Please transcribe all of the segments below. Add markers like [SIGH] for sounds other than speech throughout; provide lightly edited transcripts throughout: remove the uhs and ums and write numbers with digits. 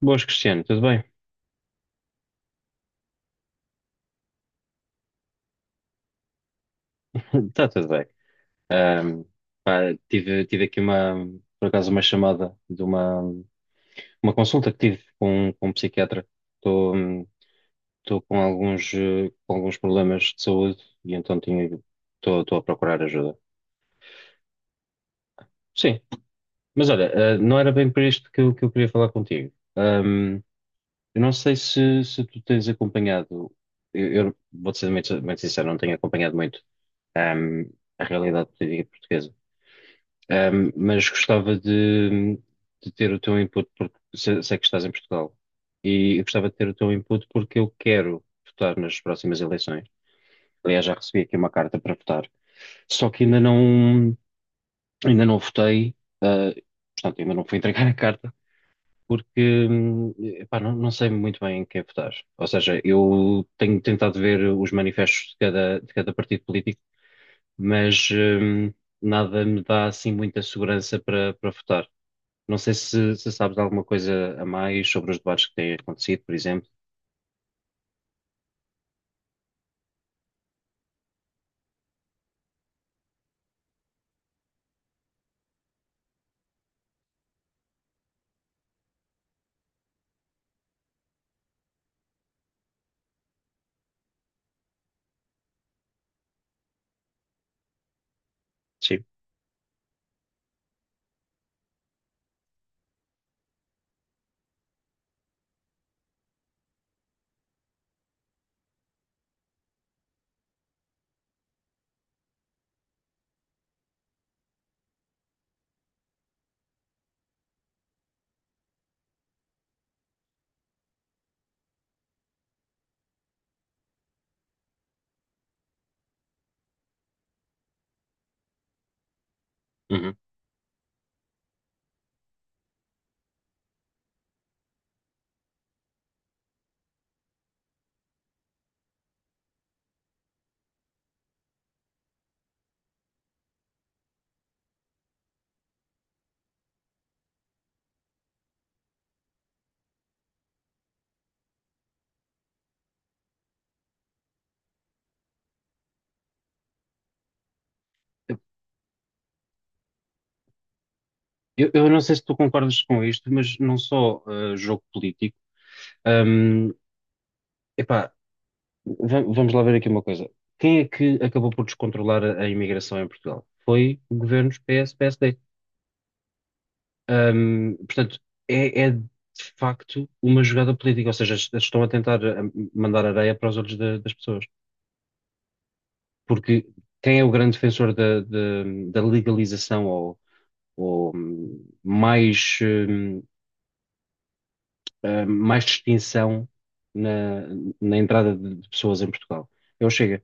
Boas, Cristiano, tudo bem? [LAUGHS] Está tudo bem. Ahm, pá, tive aqui uma, por acaso, uma chamada de uma consulta que tive com um psiquiatra. Estou estou com alguns problemas de saúde e então estou a procurar ajuda. Sim, mas olha, não era bem para isto que eu queria falar contigo. Eu não sei se tu tens acompanhado. Eu vou-te ser muito, muito sincero, não tenho acompanhado muito, ahm, a realidade política portuguesa. Mas gostava de ter o teu input, porque sei que estás em Portugal, e eu gostava de ter o teu input porque eu quero votar nas próximas eleições. Aliás, já recebi aqui uma carta para votar, só que ainda não votei, ah, portanto, ainda não fui entregar a carta, porque, epá, não, não sei muito bem em quem votar. Ou seja, eu tenho tentado ver os manifestos de cada partido político, mas, nada me dá assim muita segurança para votar. Não sei se sabes alguma coisa a mais sobre os debates que têm acontecido, por exemplo. Sim. Uhum. Eu não sei se tu concordas com isto, mas não só jogo político. Hum, epá, vamos lá ver aqui uma coisa. Quem é que acabou por descontrolar a imigração em Portugal? Foi governos PS, PSD. Portanto, é de facto uma jogada política, ou seja, estão a tentar, mandar areia para os olhos das pessoas. Porque quem é o grande defensor da legalização ou mais distinção na, na entrada de pessoas em Portugal. É o Chega.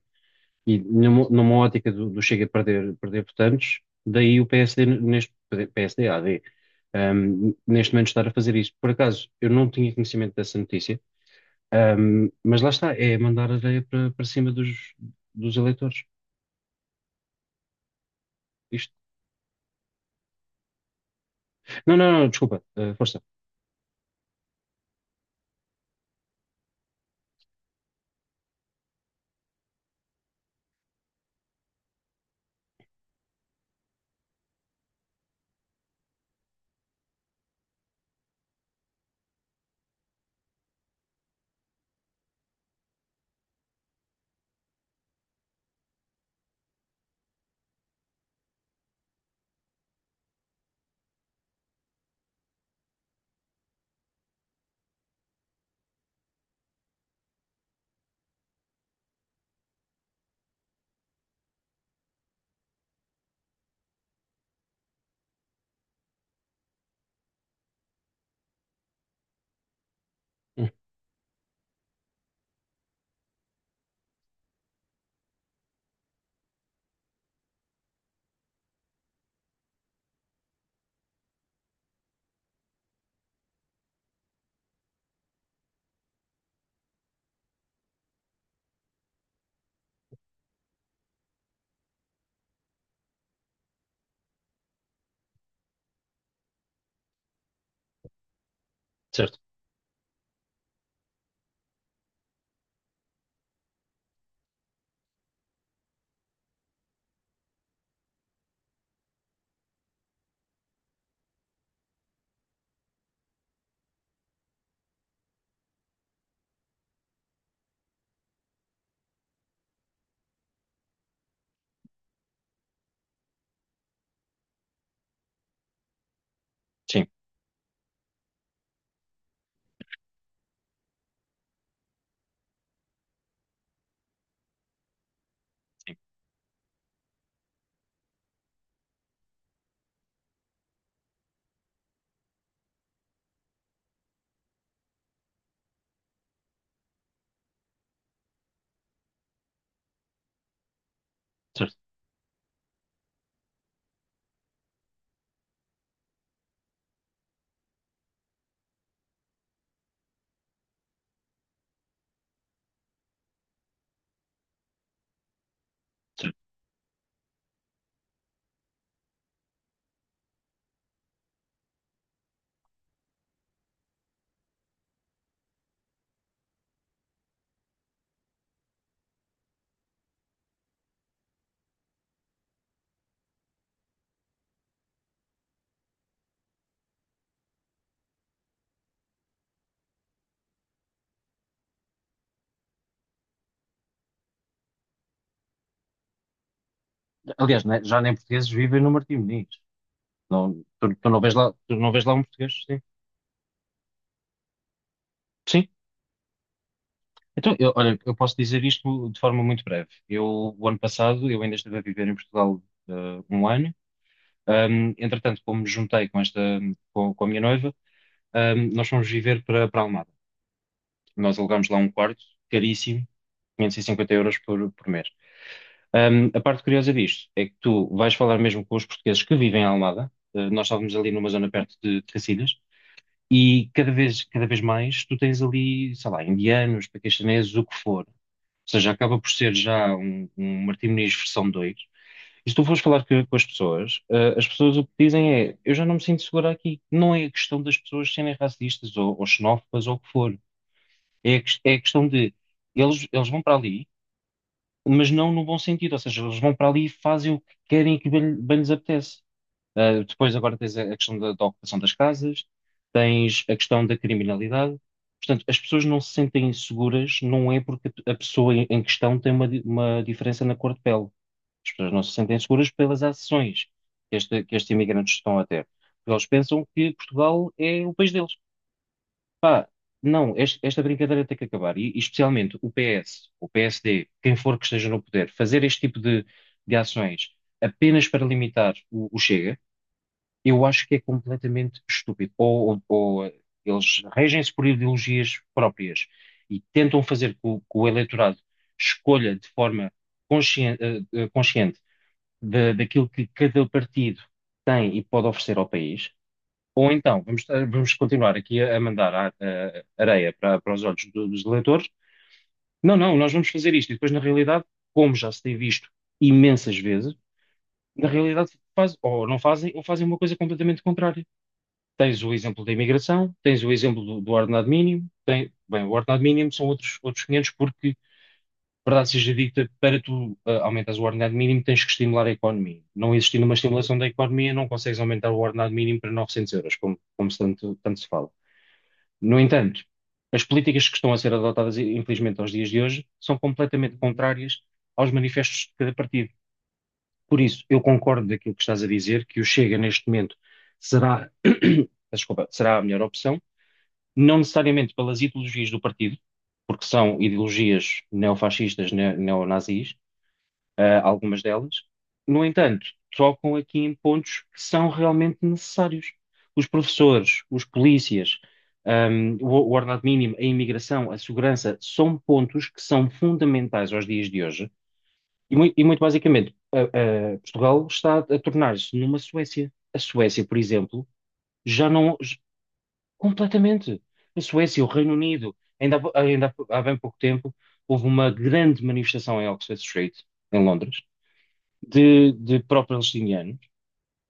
E numa ótica do Chega, perder votantes, daí o PSD, PSD, AD, neste momento estar a fazer isso. Por acaso, eu não tinha conhecimento dessa notícia, mas lá está, é mandar areia para cima dos eleitores. Isto. Não, não, não, desculpa, força. Hum, certo, sim, sim, certo. Aliás, né, já nem portugueses vivem no Martim Moniz. Não, tu não vês lá, tu não vês lá um português, sim. Sim. Então, olha, eu posso dizer isto de forma muito breve. Eu, o ano passado, eu ainda estive a viver em Portugal, eh, um ano. Entretanto, como me juntei com a minha noiva, nós fomos viver para Almada. Nós alugámos lá um quarto, caríssimo, 550 € por mês. A parte curiosa disto é que tu vais falar mesmo com os portugueses que vivem em Almada. Nós estávamos ali numa zona perto de Cacilhas. E cada vez mais tu tens ali, sei lá, indianos, paquistaneses, o que for. Ou seja, acaba por ser já um Martim Moniz versão 2. E se tu fores falar com as pessoas, as pessoas o que dizem é: eu já não me sinto segura aqui. Não é a questão das pessoas serem racistas ou xenófobas ou o que for. É a questão de eles vão para ali, mas não no bom sentido. Ou seja, eles vão para ali e fazem o que querem e que bem, bem lhes apetece. Depois agora tens a questão da ocupação das casas, tens a questão da criminalidade. Portanto, as pessoas não se sentem seguras, não é porque a pessoa em questão tem uma diferença na cor de pele. As pessoas não se sentem seguras pelas ações que estes imigrantes estão a ter. Porque eles pensam que Portugal é o país deles. Pá, não, esta brincadeira tem que acabar. E especialmente o PS, o PSD, quem for que esteja no poder, fazer este tipo de ações apenas para limitar o Chega, eu acho que é completamente estúpido. Ou eles regem-se por ideologias próprias e tentam fazer com que o eleitorado escolha de forma consciente, daquilo que cada partido tem e pode oferecer ao país. Ou então, vamos continuar aqui a mandar areia para os olhos dos eleitores. Não, não, nós vamos fazer isto. E depois, na realidade, como já se tem visto imensas vezes, na realidade faz, ou não fazem, ou fazem uma coisa completamente contrária. Tens o exemplo da imigração, tens o exemplo do ordenado mínimo, bem, o ordenado mínimo são outros 500, porque, verdade seja dita, para tu aumentares o ordenado mínimo tens que estimular a economia. Não existindo uma estimulação da economia, não consegues aumentar o ordenado mínimo para 900 euros, como, como se tanto se fala. No entanto, as políticas que estão a ser adotadas, infelizmente, aos dias de hoje, são completamente contrárias aos manifestos de cada partido. Por isso, eu concordo daquilo que estás a dizer, que o Chega, neste momento, será, [COUGHS] desculpa, será a melhor opção, não necessariamente pelas ideologias do partido, porque são ideologias neofascistas, neonazis, algumas delas. No entanto, trocam aqui em pontos que são realmente necessários. Os professores, os polícias, o ordenado mínimo, a imigração, a segurança, são pontos que são fundamentais aos dias de hoje. E, e muito basicamente, Portugal está a tornar-se numa Suécia. A Suécia, por exemplo, já não. Completamente. A Suécia, o Reino Unido. Ainda há bem pouco tempo houve uma grande manifestação em Oxford Street, em Londres, de pró-palestinianos,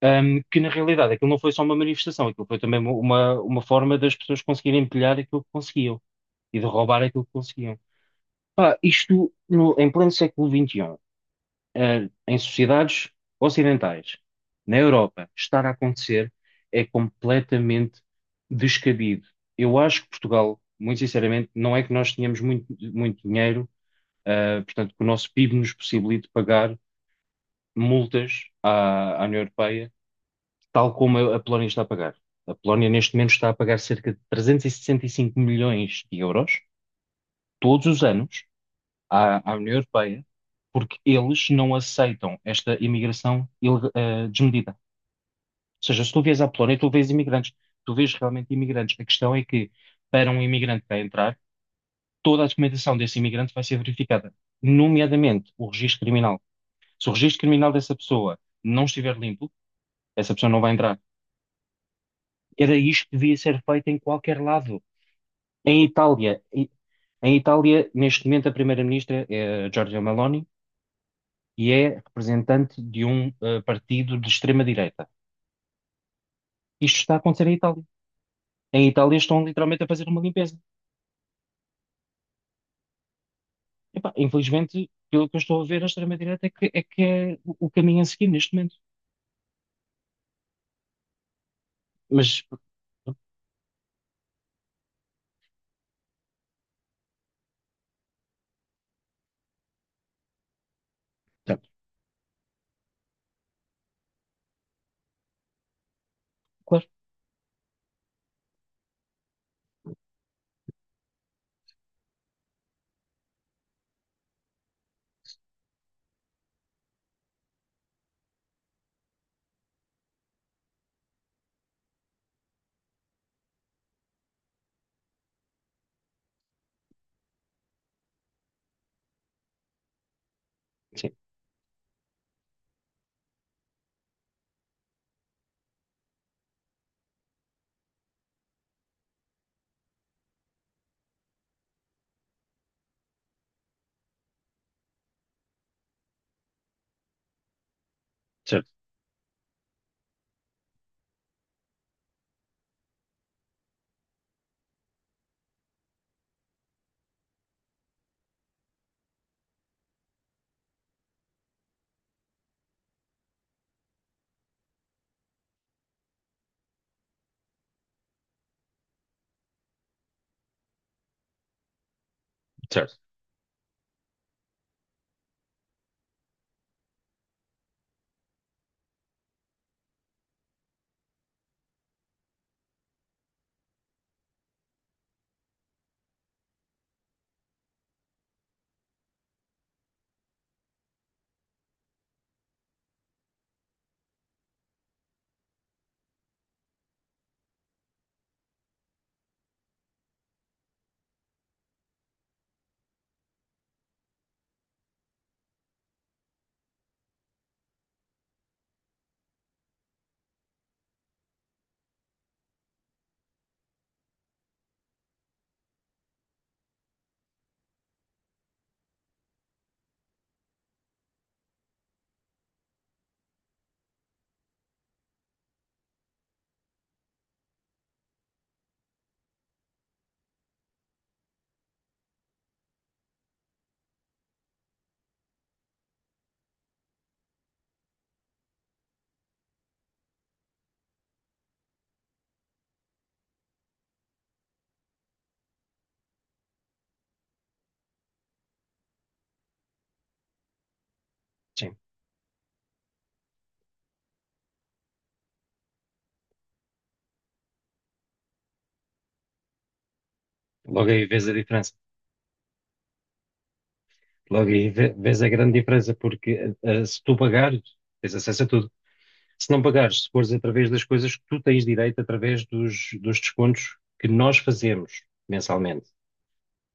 que na realidade aquilo não foi só uma manifestação, aquilo foi também uma forma das pessoas conseguirem empilhar aquilo que conseguiam e de roubar aquilo que conseguiam. Pá, isto em pleno século vinte e um, em sociedades ocidentais, na Europa, estar a acontecer é completamente descabido. Eu acho que Portugal, muito sinceramente, não é que nós tenhamos muito, muito dinheiro, portanto, que o nosso PIB nos possibilite pagar multas à União Europeia, tal como a Polónia está a pagar. A Polónia, neste momento, está a pagar cerca de 365 milhões de euros todos os anos à União Europeia, porque eles não aceitam esta imigração desmedida. Ou seja, se tu vês à Polónia, tu vês imigrantes, tu vês realmente imigrantes. A questão é que, para um imigrante para entrar, toda a documentação desse imigrante vai ser verificada, nomeadamente o registro criminal. Se o registro criminal dessa pessoa não estiver limpo, essa pessoa não vai entrar. Era isto que devia ser feito em qualquer lado. Em Itália, em Itália, neste momento, a primeira-ministra é a Giorgia Meloni, e é representante de um partido de extrema-direita. Isto está a acontecer em Itália. Em Itália estão literalmente a fazer uma limpeza. Epá, infelizmente, pelo que eu estou a ver, a extrema-direita é que é o caminho a seguir neste momento. Mas, portanto, claro, sim, certo, certo, sim. Logo aí vês a diferença. Logo aí vês a grande diferença, porque se tu pagares, tens acesso a tudo. Se não pagares, se fores através das coisas que tu tens direito, através dos descontos que nós fazemos mensalmente.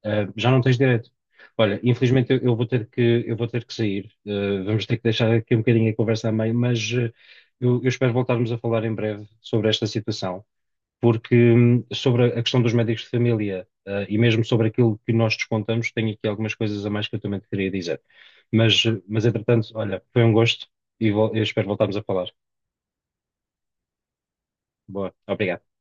Já não tens direito. Olha, infelizmente eu vou ter que, eu vou ter que sair. Vamos ter que deixar aqui um bocadinho a conversa a meio, mas eu espero voltarmos a falar em breve sobre esta situação, porque sobre a questão dos médicos de família, e mesmo sobre aquilo que nós descontamos, tenho aqui algumas coisas a mais que eu também te queria dizer. Mas entretanto, olha, foi um gosto e eu espero voltarmos a falar. Boa, obrigado.